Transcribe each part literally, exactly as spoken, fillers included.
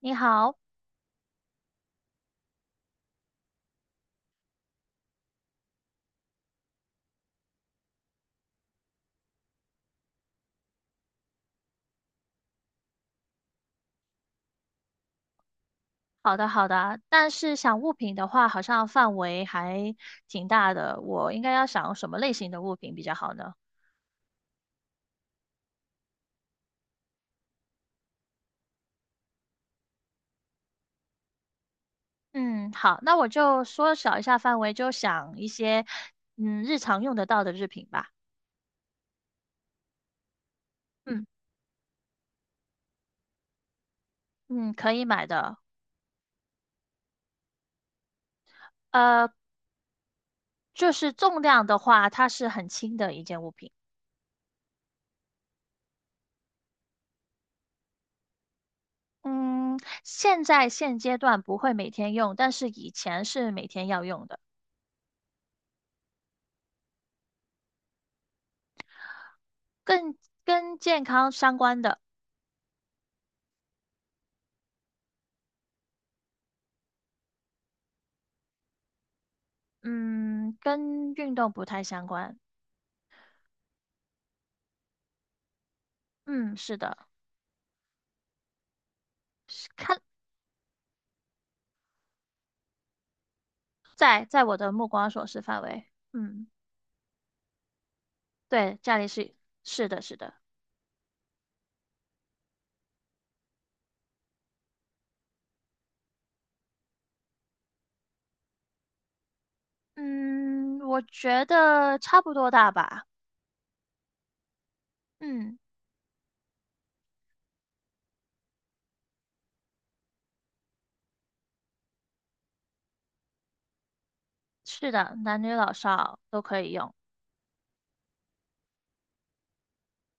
你好。好的好的，但是想物品的话，好像范围还挺大的，我应该要想什么类型的物品比较好呢？嗯，好，那我就缩小一下范围，就想一些嗯日常用得到的日品吧。嗯嗯，可以买的。呃，就是重量的话，它是很轻的一件物品。嗯，现在现阶段不会每天用，但是以前是每天要用的。更跟健康相关的。嗯，跟运动不太相关。嗯，是的。看在在我的目光所视范围。嗯，对，家里是是的，是的。嗯，我觉得差不多大吧。嗯，是的，男女老少都可以用。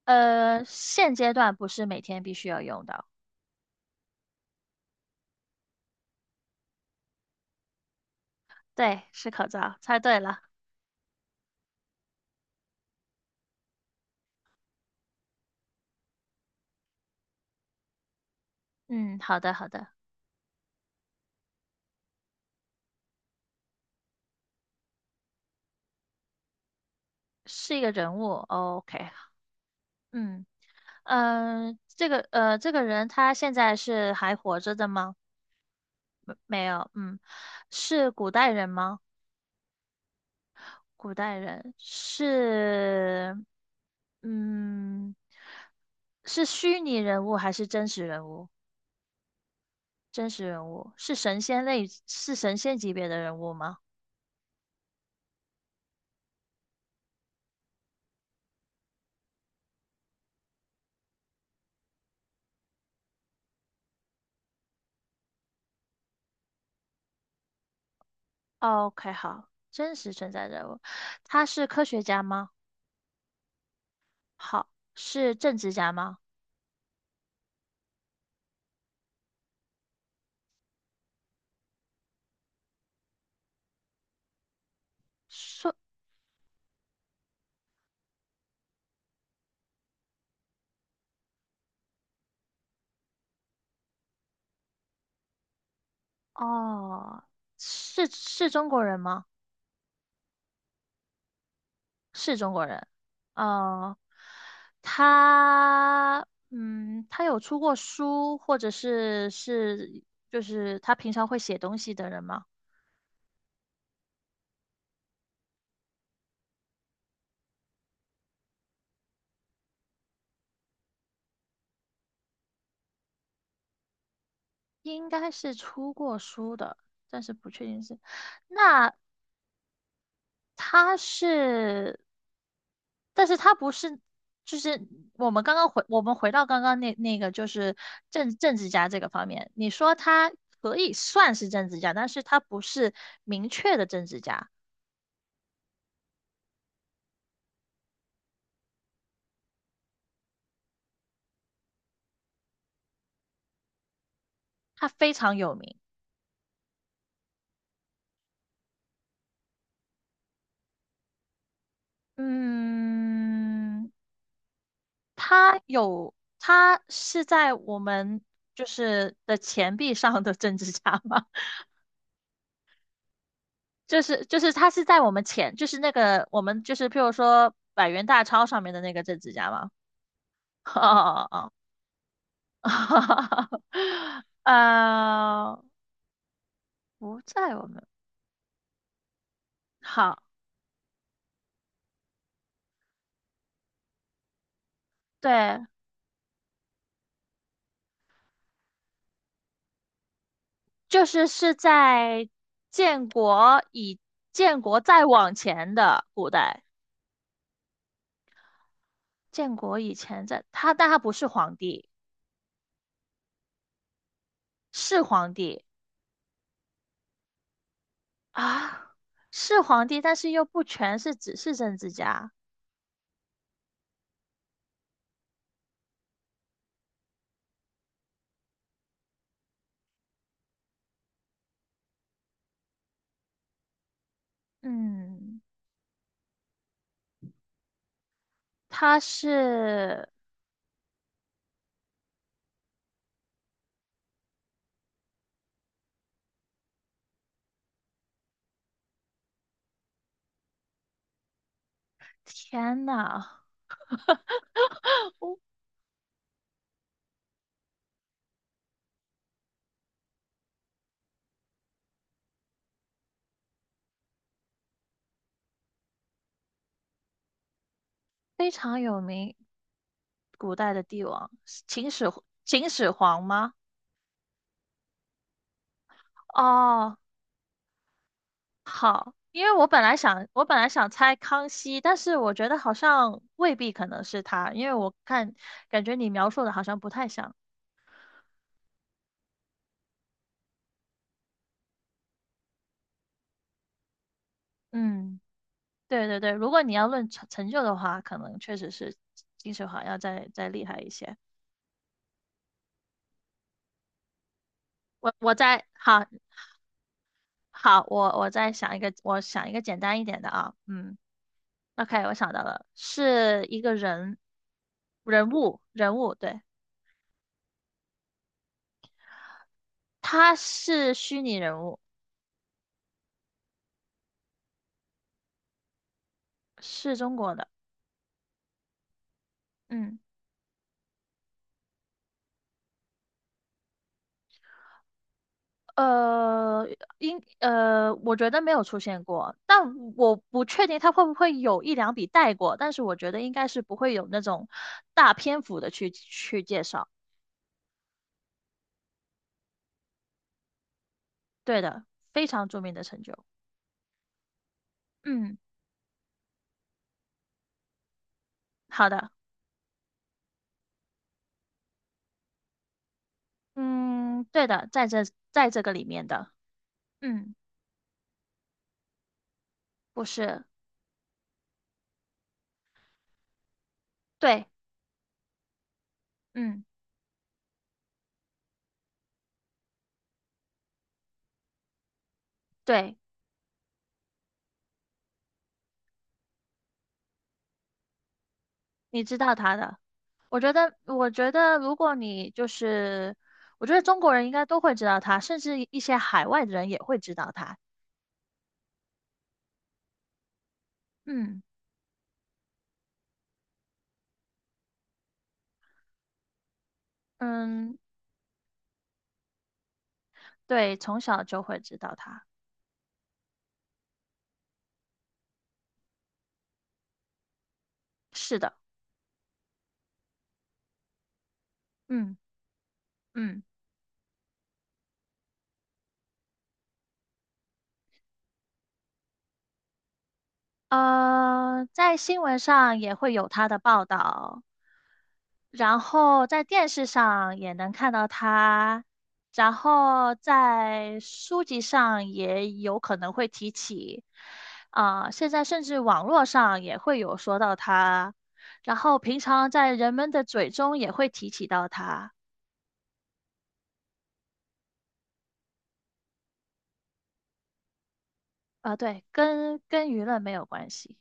呃，现阶段不是每天必须要用到。对，是口罩，猜对了。嗯，好的，好的。是一个人物。哦， OK。嗯嗯，呃这个呃，这个人他现在是还活着的吗？没没有，嗯。是古代人吗？古代人是。嗯，是虚拟人物还是真实人物？真实人物是神仙类，是神仙级别的人物吗？OK，好，真实存在人物。他是科学家吗？好，是政治家吗？是。哦，是是中国人吗？是中国人。呃，他，嗯，他有出过书，或者是是就是他平常会写东西的人吗？应该是出过书的，但是不确定是。那他是，但是他不是，就是我们刚刚回，我们回到刚刚那那个就是政政治家这个方面，你说他可以算是政治家，但是他不是明确的政治家。他非常有名。嗯，他有，他是在我们就是的钱币上的政治家吗？就是就是他是在我们钱，就是那个我们就是譬如说百元大钞上面的那个政治家吗？哦哦哦，呃，不在我们。好，对，就是是在建国以建国再往前的古代，建国以前在他，但他不是皇帝。是皇帝啊，是皇帝，但是又不全是只是政治家。嗯，他是，天呐，非常有名，古代的帝王。秦始秦始皇吗？哦，好，因为我本来想我本来想猜康熙，但是我觉得好像未必可能是他，因为我看感觉你描述的好像不太像。嗯。对对对，如果你要论成成就的话，可能确实是金秀华要再再厉害一些。我我再好好，我我再想一个，我想一个简单一点的啊。嗯，OK，我想到了，是一个人人物。人物，对。他是虚拟人物。是中国的。嗯。呃，应呃，我觉得没有出现过，但我不确定他会不会有一两笔带过，但是我觉得应该是不会有那种大篇幅的去去介绍。对的，非常著名的成就。嗯，好的。嗯，对的，在这在这个里面的。嗯，不是。对。嗯，对。你知道他的。我觉得，我觉得如果你就是，我觉得中国人应该都会知道他，甚至一些海外的人也会知道他。嗯。嗯，对，从小就会知道他。是的。嗯嗯。呃，在新闻上也会有他的报道，然后在电视上也能看到他，然后在书籍上也有可能会提起，啊、现在甚至网络上也会有说到他，然后平常在人们的嘴中也会提起到他。啊、对，跟跟舆论没有关系。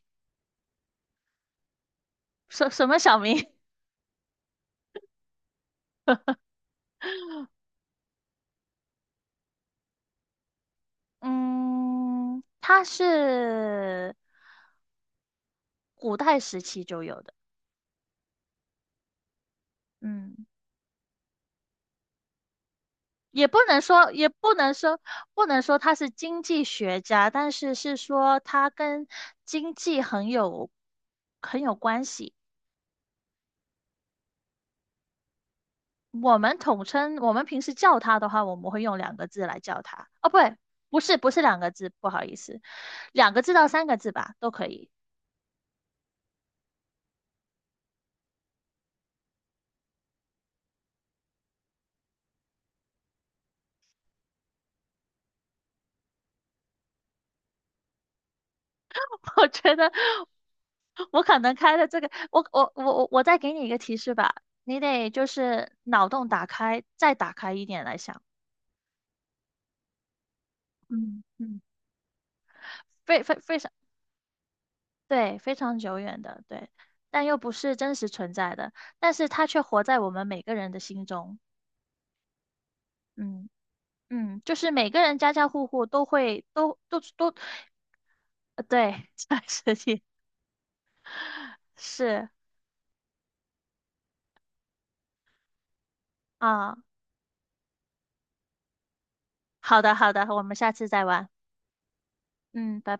什什么小明？嗯，他是古代时期就有的。嗯，也不能说，也不能说，不能说他是经济学家，但是是说他跟经济很有很有关系。我们统称，我们平时叫他的话，我们会用两个字来叫他。哦，不对，不是，不是两个字，不好意思，两个字到三个字吧，都可以。我觉得我可能开的这个，我我我我我再给你一个提示吧，你得就是脑洞打开，再打开一点来想。嗯嗯，非非非常对，非常久远的，对，但又不是真实存在的，但是它却活在我们每个人的心中。嗯嗯，就是每个人家家户户都会都都都。呃对，这个事情是啊。好的好的，我们下次再玩。嗯，拜拜。